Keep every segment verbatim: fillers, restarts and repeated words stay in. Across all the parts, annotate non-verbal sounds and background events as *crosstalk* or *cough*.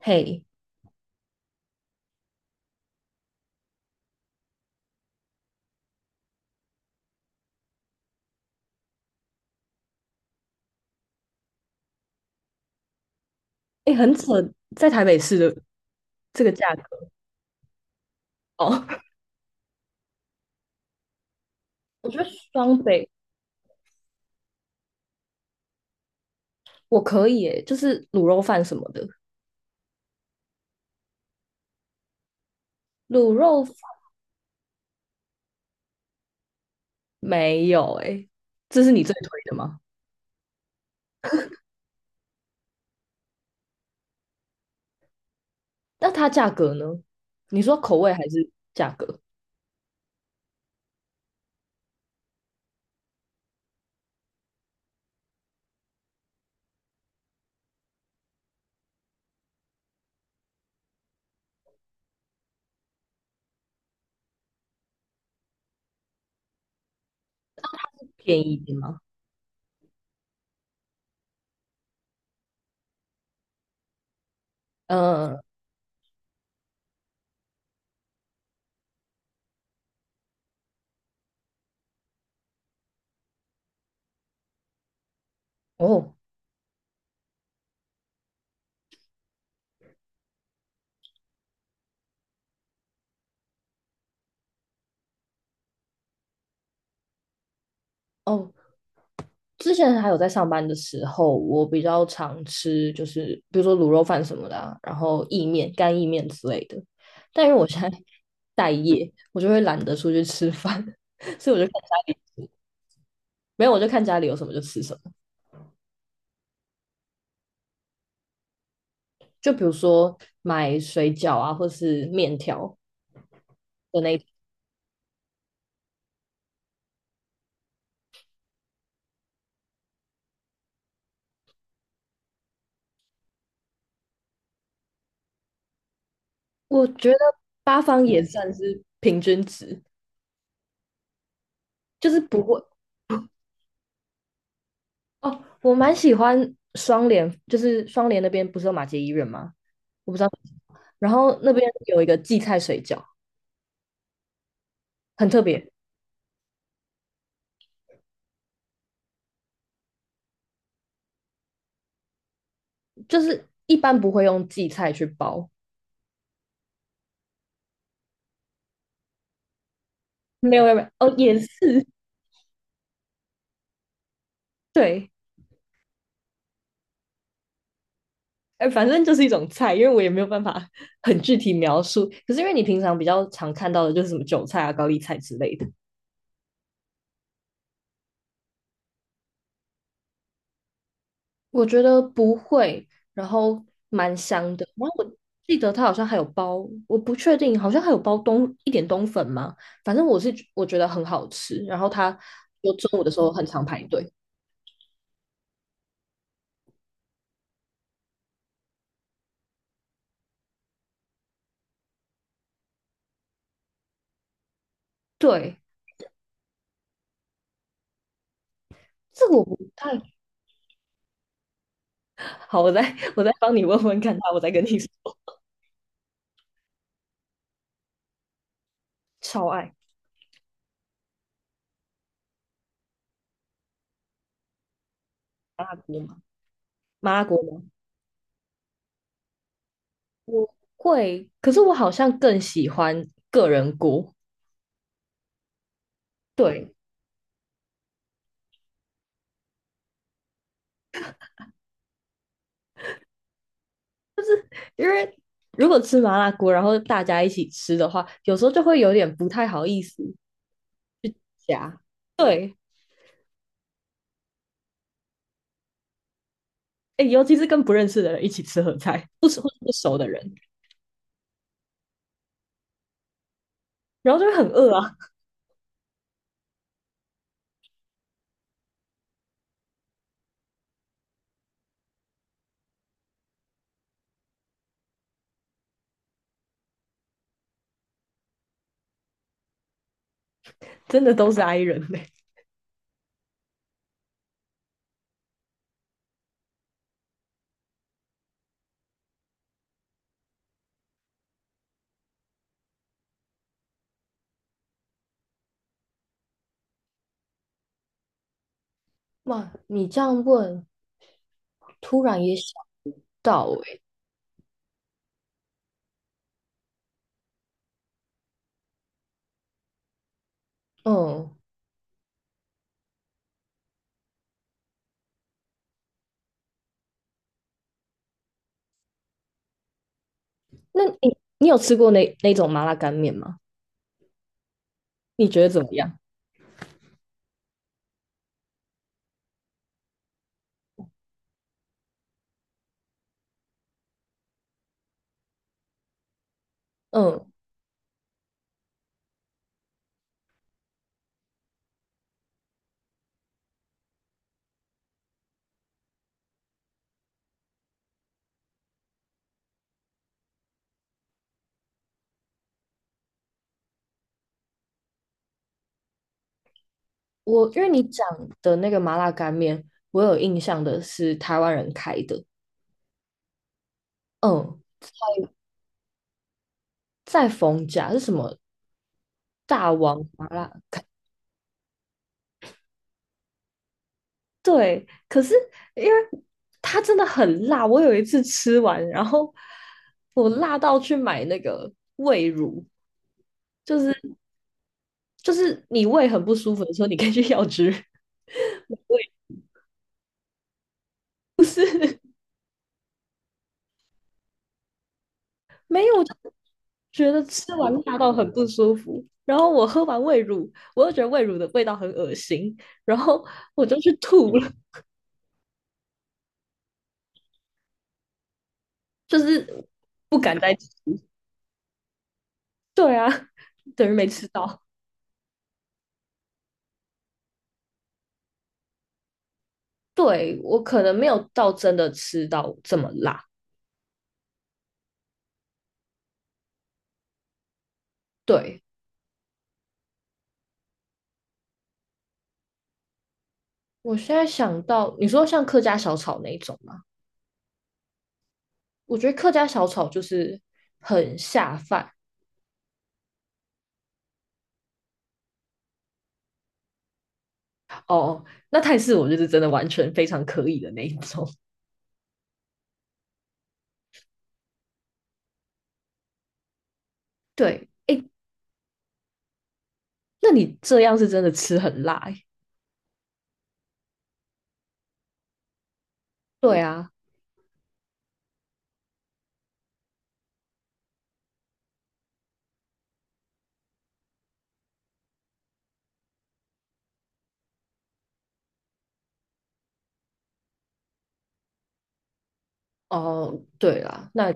嘿，哎，很扯，在台北市的这个价格哦。*laughs* 我觉得双北我可以诶，就是卤肉饭什么的，卤肉饭没有诶，这是你最推的吗？那它价格呢？你说口味还是价格便宜一点吗？嗯，哦哦，之前还有在上班的时候，我比较常吃，就是比如说卤肉饭什么的啊、然后意面、干意面之类的。但因为我现在待业，我就会懒得出去吃饭，所以我就看家没有，我就看家里有什么就吃什么。就比如说买水饺啊，或是面条的那一种，我觉得八方也算是平均值，就是不会哦。我蛮喜欢双联，就是双联那边不是有马偕医院吗？我不知道然后那边有一个荠菜水饺，很特别，就是一般不会用荠菜去包，没有没有没有哦，也是 *laughs* 对，哎，反正就是一种菜，因为我也没有办法很具体描述。可是因为你平常比较常看到的就是什么韭菜啊、高丽菜之类的，我觉得不会，然后蛮香的。然后我记得它好像还有包，我不确定，好像还有包冬一点冬粉吗？反正我是我觉得很好吃，然后它就中午的时候很常排队。对，这个我不太好，我再我再帮你问问看他，我再跟你说。*laughs* 超爱麻辣锅吗？麻辣锅吗？我会，可是我好像更喜欢个人锅。对，因为如果吃麻辣锅，然后大家一起吃的话，有时候就会有点不太好意思夹。对，哎，尤其是跟不认识的人一起吃合菜，不熟不熟的人，然后就会很饿啊，真的都是 i 人嘞、哇，你这样问，突然也想不到哎。嗯，那你你有吃过那那种麻辣干面吗？你觉得怎么样？嗯，我因为你讲的那个麻辣干面，我有印象的是台湾人开的，嗯，在逢甲是什么大王麻辣？对，可是因为它真的很辣，我有一次吃完，然后我辣到去买那个胃乳，就是就是你胃很不舒服的时候，你可以去药局 *laughs* 买胃没有，觉得吃完辣到很不舒服。然后我喝完胃乳，我又觉得胃乳的味道很恶心，然后我就去吐了，就是不敢再吃。对啊，等于没吃到。对，我可能没有到真的吃到这么辣。对，我现在想到，你说像客家小炒那一种吗？我觉得客家小炒就是很下饭哦。那泰式我就是真的完全非常可以的那一种。对，诶，那你这样是真的吃很辣欸对啊，哦，对啦，那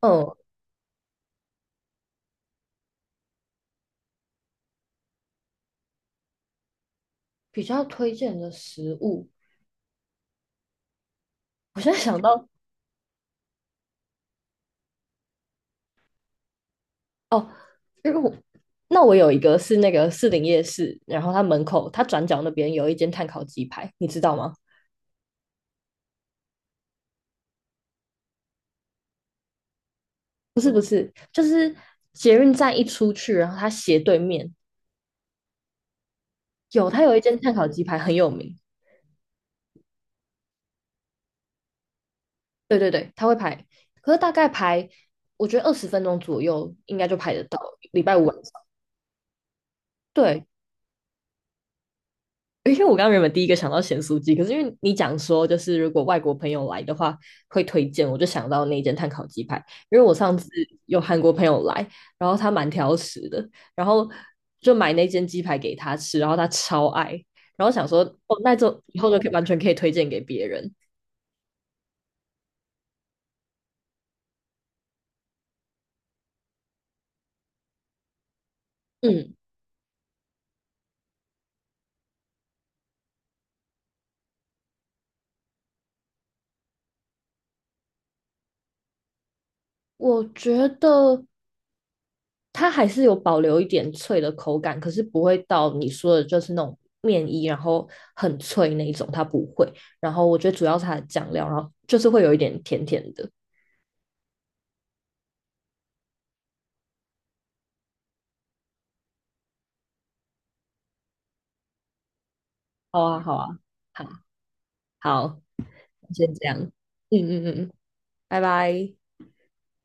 嗯，比较推荐的食物，我现在想到哦，因为我那我有一个是那个士林夜市，然后它门口它转角那边有一间炭烤鸡排，你知道吗？就是捷运站一出去，然后它斜对面有它有一间炭烤鸡排很有名，对对对，它会排，可是大概排我觉得二十分钟左右应该就排得到，礼拜五晚上。对，因为我刚刚原本第一个想到咸酥鸡，可是因为你讲说就是如果外国朋友来的话会推荐，我就想到那间碳烤鸡排。因为我上次有韩国朋友来，然后他蛮挑食的，然后就买那间鸡排给他吃，然后他超爱，然后想说哦，那就以后就可以完全可以推荐给别人。嗯，我觉得它还是有保留一点脆的口感，可是不会到你说的就是那种面衣，然后很脆那一种，它不会。然后我觉得主要是它的酱料，然后就是会有一点甜甜的。好啊，好啊，好，好先这样，嗯嗯嗯嗯，拜拜。